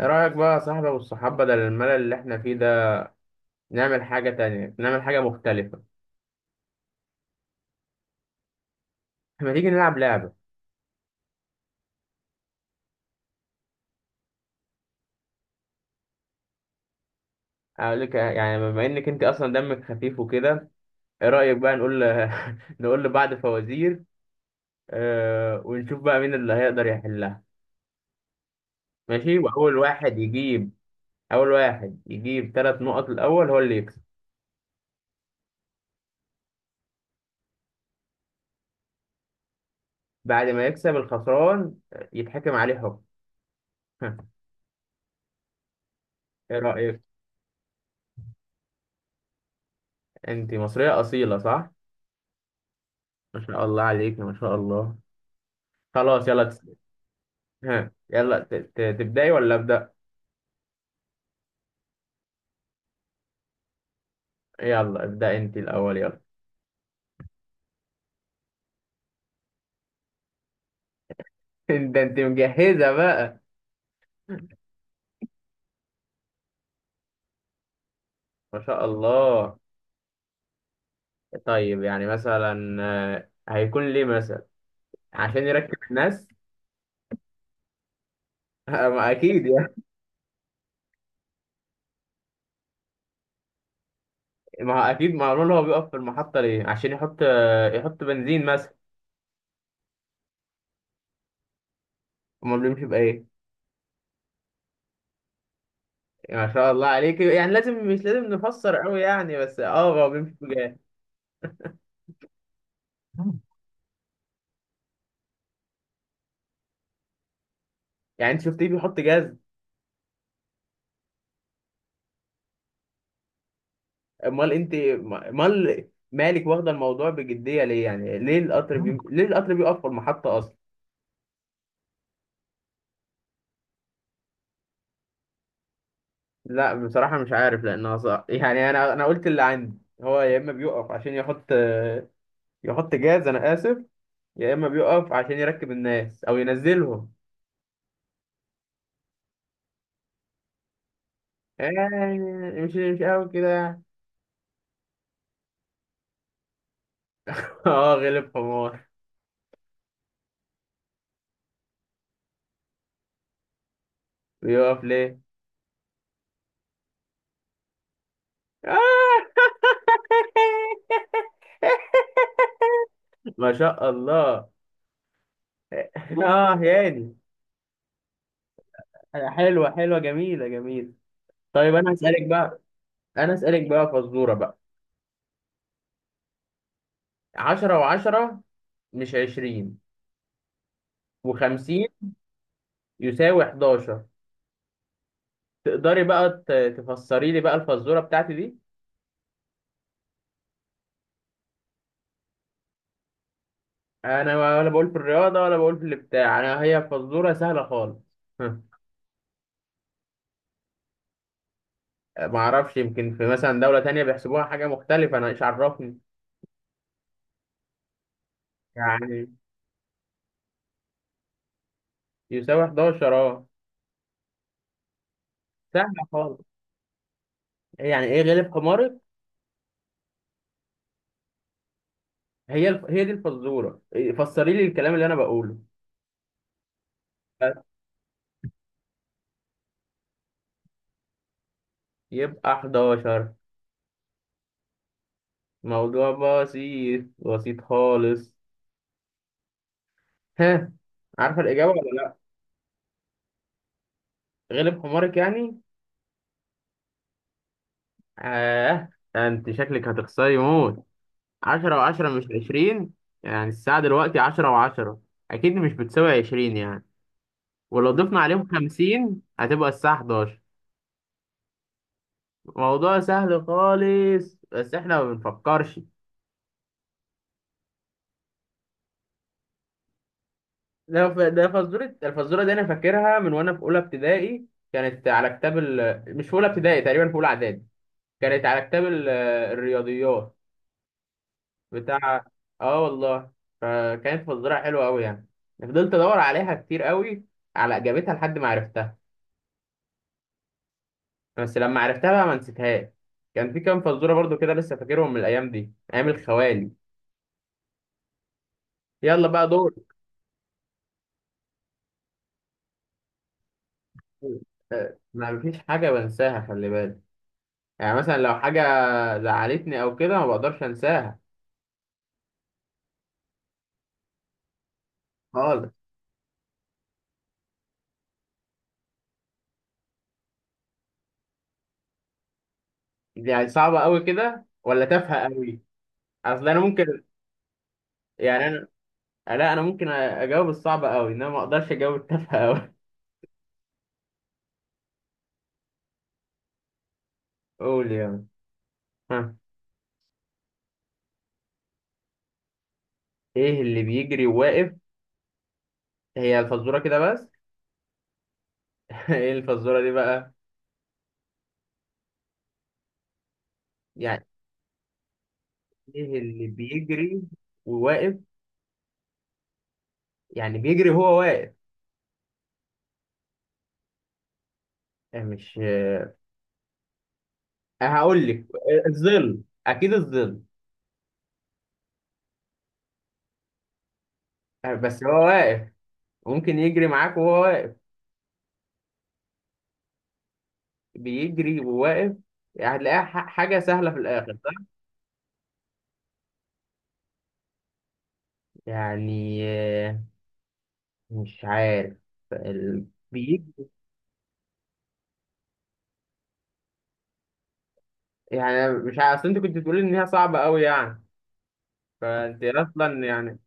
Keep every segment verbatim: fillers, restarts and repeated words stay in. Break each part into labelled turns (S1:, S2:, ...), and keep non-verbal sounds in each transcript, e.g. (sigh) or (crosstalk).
S1: ايه رأيك بقى يا صاحبي والصحاب بدل الملل اللي احنا فيه ده، نعمل حاجة تانية، نعمل حاجة مختلفة. ما تيجي نلعب لعبة. اقول لك، يعني بما انك انت اصلا دمك خفيف وكده، ايه رأيك بقى نقول (laughs) نقول لبعض فوازير. آه ونشوف بقى مين اللي هيقدر يحلها. ماشي، واول واحد يجيب اول واحد يجيب ثلاث نقط الاول هو اللي يكسب. بعد ما يكسب الخسران يتحكم عليه حكم. (laughs) ايه رأيك؟ انت مصرية أصيلة، صح؟ ما شاء الله عليك، ما شاء الله. خلاص، يلا. ها يلا، ت- ت- تبدأي ولا أبدأ؟ يلا ابدأ انت الأول، يلا. (laughs) ده انت مجهزة بقى، ما شاء الله. طيب يعني مثلا، آه، هيكون ليه مثلا؟ عشان يركب الناس. (laughs) آه، ما اكيد يعني. (laughs) ما هو اكيد معلوم، هو بيقف في المحطة ليه؟ عشان يحط، آه، يحط بنزين مثلا. امال بيمشي بايه؟ ما شاء الله عليك، يعني لازم مش لازم نفسر قوي يعني، بس اه هو بيمشي بجاز. يعني انت شفتيه بيحط جاز؟ امال انت، امال مالك واخده الموضوع بجديه ليه؟ يعني ليه القطر بي... ليه القطر بيقف في المحطه اصلا؟ لا بصراحه مش عارف، لانها صح يعني، انا انا قلت اللي عندي هو يا اما بيقف عشان يحط يحط جاز، انا اسف، يا اما بيقف عشان يركب الناس او ينزلهم. يعني مش مش قوي كده يعني. (laughs) اه غلب حمار. بيقف ليه؟ (laughs) ما شاء الله. (laughs) اه يعني، حلوه حلوه، جميله جميله. طيب انا اسالك بقى، انا اسالك بقى فزوره بقى: عشرة و10 مش عشرين و50 يساوي حداشر. تقدري بقى ت- تفسري لي بقى الفزوره بتاعتي دي؟ انا ولا بقول في الرياضه ولا بقول في البتاع، انا هي فزوره سهله خالص. (laughs) ما اعرفش، يمكن في مثلا دوله تانية بيحسبوها حاجه مختلفه، انا ايش عرفني. يعني يساوي أحد عشر اه. سهله خالص. يعني ايه غلب حمارك. هي الف... هي دي الفزوره إيه، فسري لي الكلام اللي انا بقوله بس. يبقى أحد عشر. موضوع بسيط، بسيط خالص. ها، عارفة الإجابة ولا لأ؟ غلب حمارك يعني؟ آه. أنت شكلك هتخسري موت. عشرة وعشرة مش عشرين. يعني الساعة دلوقتي عشرة وعشرة أكيد مش بتساوي عشرين يعني، ولو ضفنا عليهم خمسين هتبقى الساعة حداشر. موضوع سهل خالص، بس إحنا ما بنفكرش. ده ف- ده فزورة، الفزورة دي أنا فاكرها من وأنا في أولى ابتدائي. كانت على كتاب ال... مش في أولى ابتدائي، تقريبا في أولى إعدادي. كانت على كتاب ال- الرياضيات بتاع. اه والله. فكانت فزوره حلوه قوي يعني، فضلت ادور عليها كتير قوي على اجابتها لحد ما عرفتها، بس لما عرفتها بقى ما نسيتهاش. كان في كام فزوره برضو كده لسه فاكرهم من الايام دي، ايام الخوالي. يلا بقى دور. آه، ما فيش حاجه بنساها، خلي بالك. يعني مثلا لو حاجه زعلتني او كده ما بقدرش انساها خالص. يعني صعبه قوي كده ولا تافهه قوي؟ اصل انا ممكن، يعني لا انا ممكن اجاوب الصعب قوي، انما ما اقدرش اجاوب التافهه قوي. (laughs) قول، يلا. ها. ايه اللي بيجري وواقف؟ هي الفزوره كده بس. (laughs) ايه الفزوره دي بقى؟ يعني ايه اللي بيجري وواقف؟ يعني بيجري هو واقف. أه، مش أه، هقول لك، الظل اكيد، الظل. أه، بس هو واقف. ممكن يجري معاك وهو واقف. بيجري وواقف. يعني هتلاقيها ح- حاجه سهله في الاخر، صح؟ يعني آه، مش عارف. ال- بيجري. يعني أنا مش عارف، اصل انت كنت بتقولي ان هي صعبه قوي يعني، فانت اصلا يعني.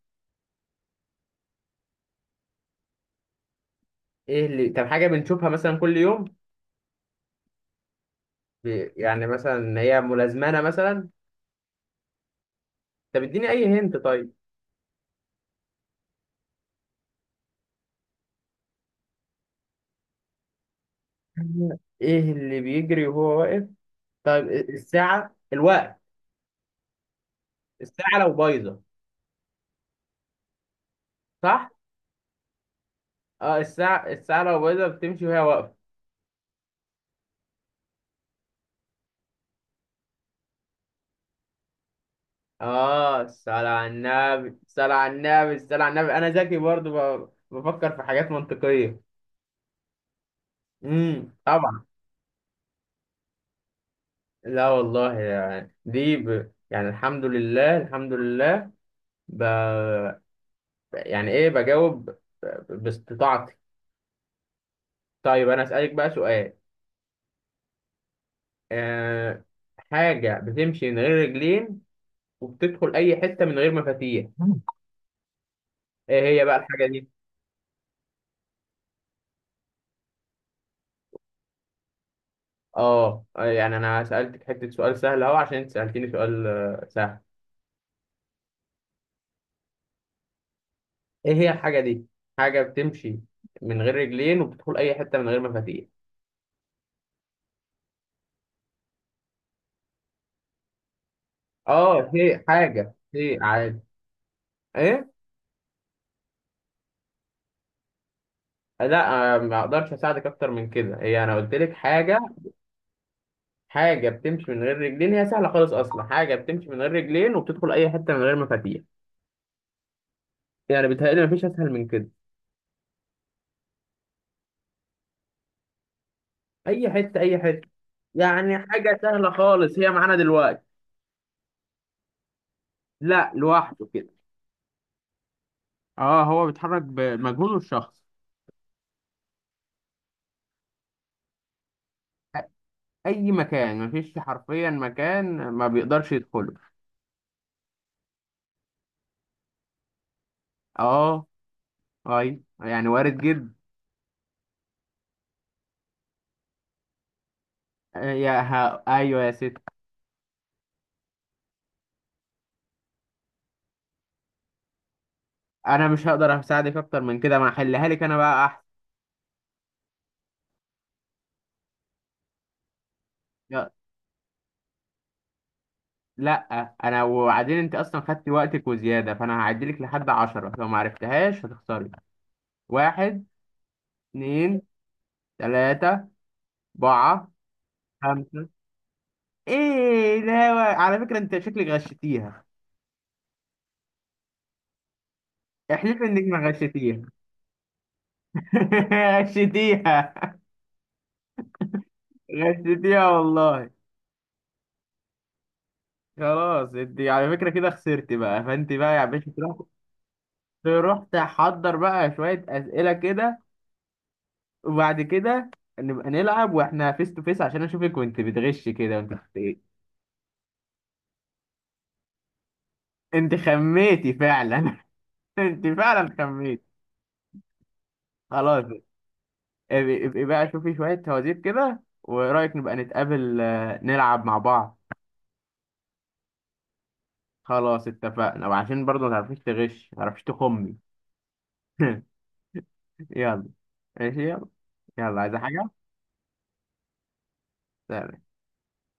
S1: ايه اللي، طب حاجه بنشوفها مثلا كل يوم؟ ب- يعني مثلا هي ملازمانه مثلا. طب اديني اي هنت طيب. ايه اللي بيجري وهو واقف؟ طيب إيه، الساعه، الوقت، الساعه لو بايظه. صح، اه الساعه، الساعه لو بايظه بتمشي وهي واقفه. اه، الصلاة على النبي، الصلاة على النبي، الصلاة على النبي. انا ذكي برضو ب- بفكر في حاجات منطقيه. امم طبعا. لا والله يعني دي ب... يعني الحمد لله، الحمد لله. ب... يعني ايه بجاوب ب- باستطاعتي. طيب انا اسالك بقى سؤال. أه... حاجه بتمشي من غير رجلين وبتدخل اي حته من غير مفاتيح. ايه هي بقى الحاجه دي؟ اه، آه، يعني انا سالتك حته سؤال سهل اهو، عشان انت سالتيني سؤال آه، سهل. ايه هي الحاجه دي؟ حاجه بتمشي من غير رجلين وبتدخل اي حته من غير مفاتيح. اه، هي حاجه، هي عادي. ايه لا، آه، ما اقدرش اساعدك اكتر من كده، هي انا قلت لك حاجه، حاجه بتمشي من غير رجلين، هي سهله خالص اصلا، حاجه بتمشي من غير رجلين وبتدخل اي حته من غير مفاتيح، يعني بيتهيألي مفيش اسهل من كده. اي حته، اي حته. يعني حاجه سهله خالص، هي معانا دلوقتي. لا لوحده كده. اه هو بيتحرك بمجهوده الشخص. اي مكان، مفيش حرفيا مكان ما بيقدرش يدخله. اه، اي يعني وارد جدا. آه، يا ها ايوه يا ست. انا مش هقدر اساعدك اكتر من كده، ما احلها لك انا بقى احسن. يا- لا. انا وبعدين انت اصلا خدتي وقتك وزياده، فانا هعدلك لحد عشرة، لو ما عرفتهاش هتخسري. واحد، اتنين، تلاته، اربعه، خمسه. ايه، لا. على فكره انت شكلك غشيتيها. احلف انك ما غشيتيها. غشيتيها. غشيتيها (laughs) والله. خلاص، انت على فكره كده خسرتي بقى، فانت بقى يا باشا تروح، تروح تحضر بقى شويه اسئله كده، وبعد كده نبقى نلعب واحنا فيس تو فيس عشان اشوفك وانت بتغش كده وانت بت- إيه. انت خميتي فعلا. (laughs) انت فعلا خميتي. خلاص، ابقي ابقي بقى شوفي شوية فوازير كده، ورأيك نبقى نتقابل، آه، نلعب مع بعض. خلاص اتفقنا، وعشان برضه ما تعرفيش تغش، ما تعرفيش تخمي. (laughs) يلا. ماشي، يلا. يلا، عايزة حاجة؟ سلام.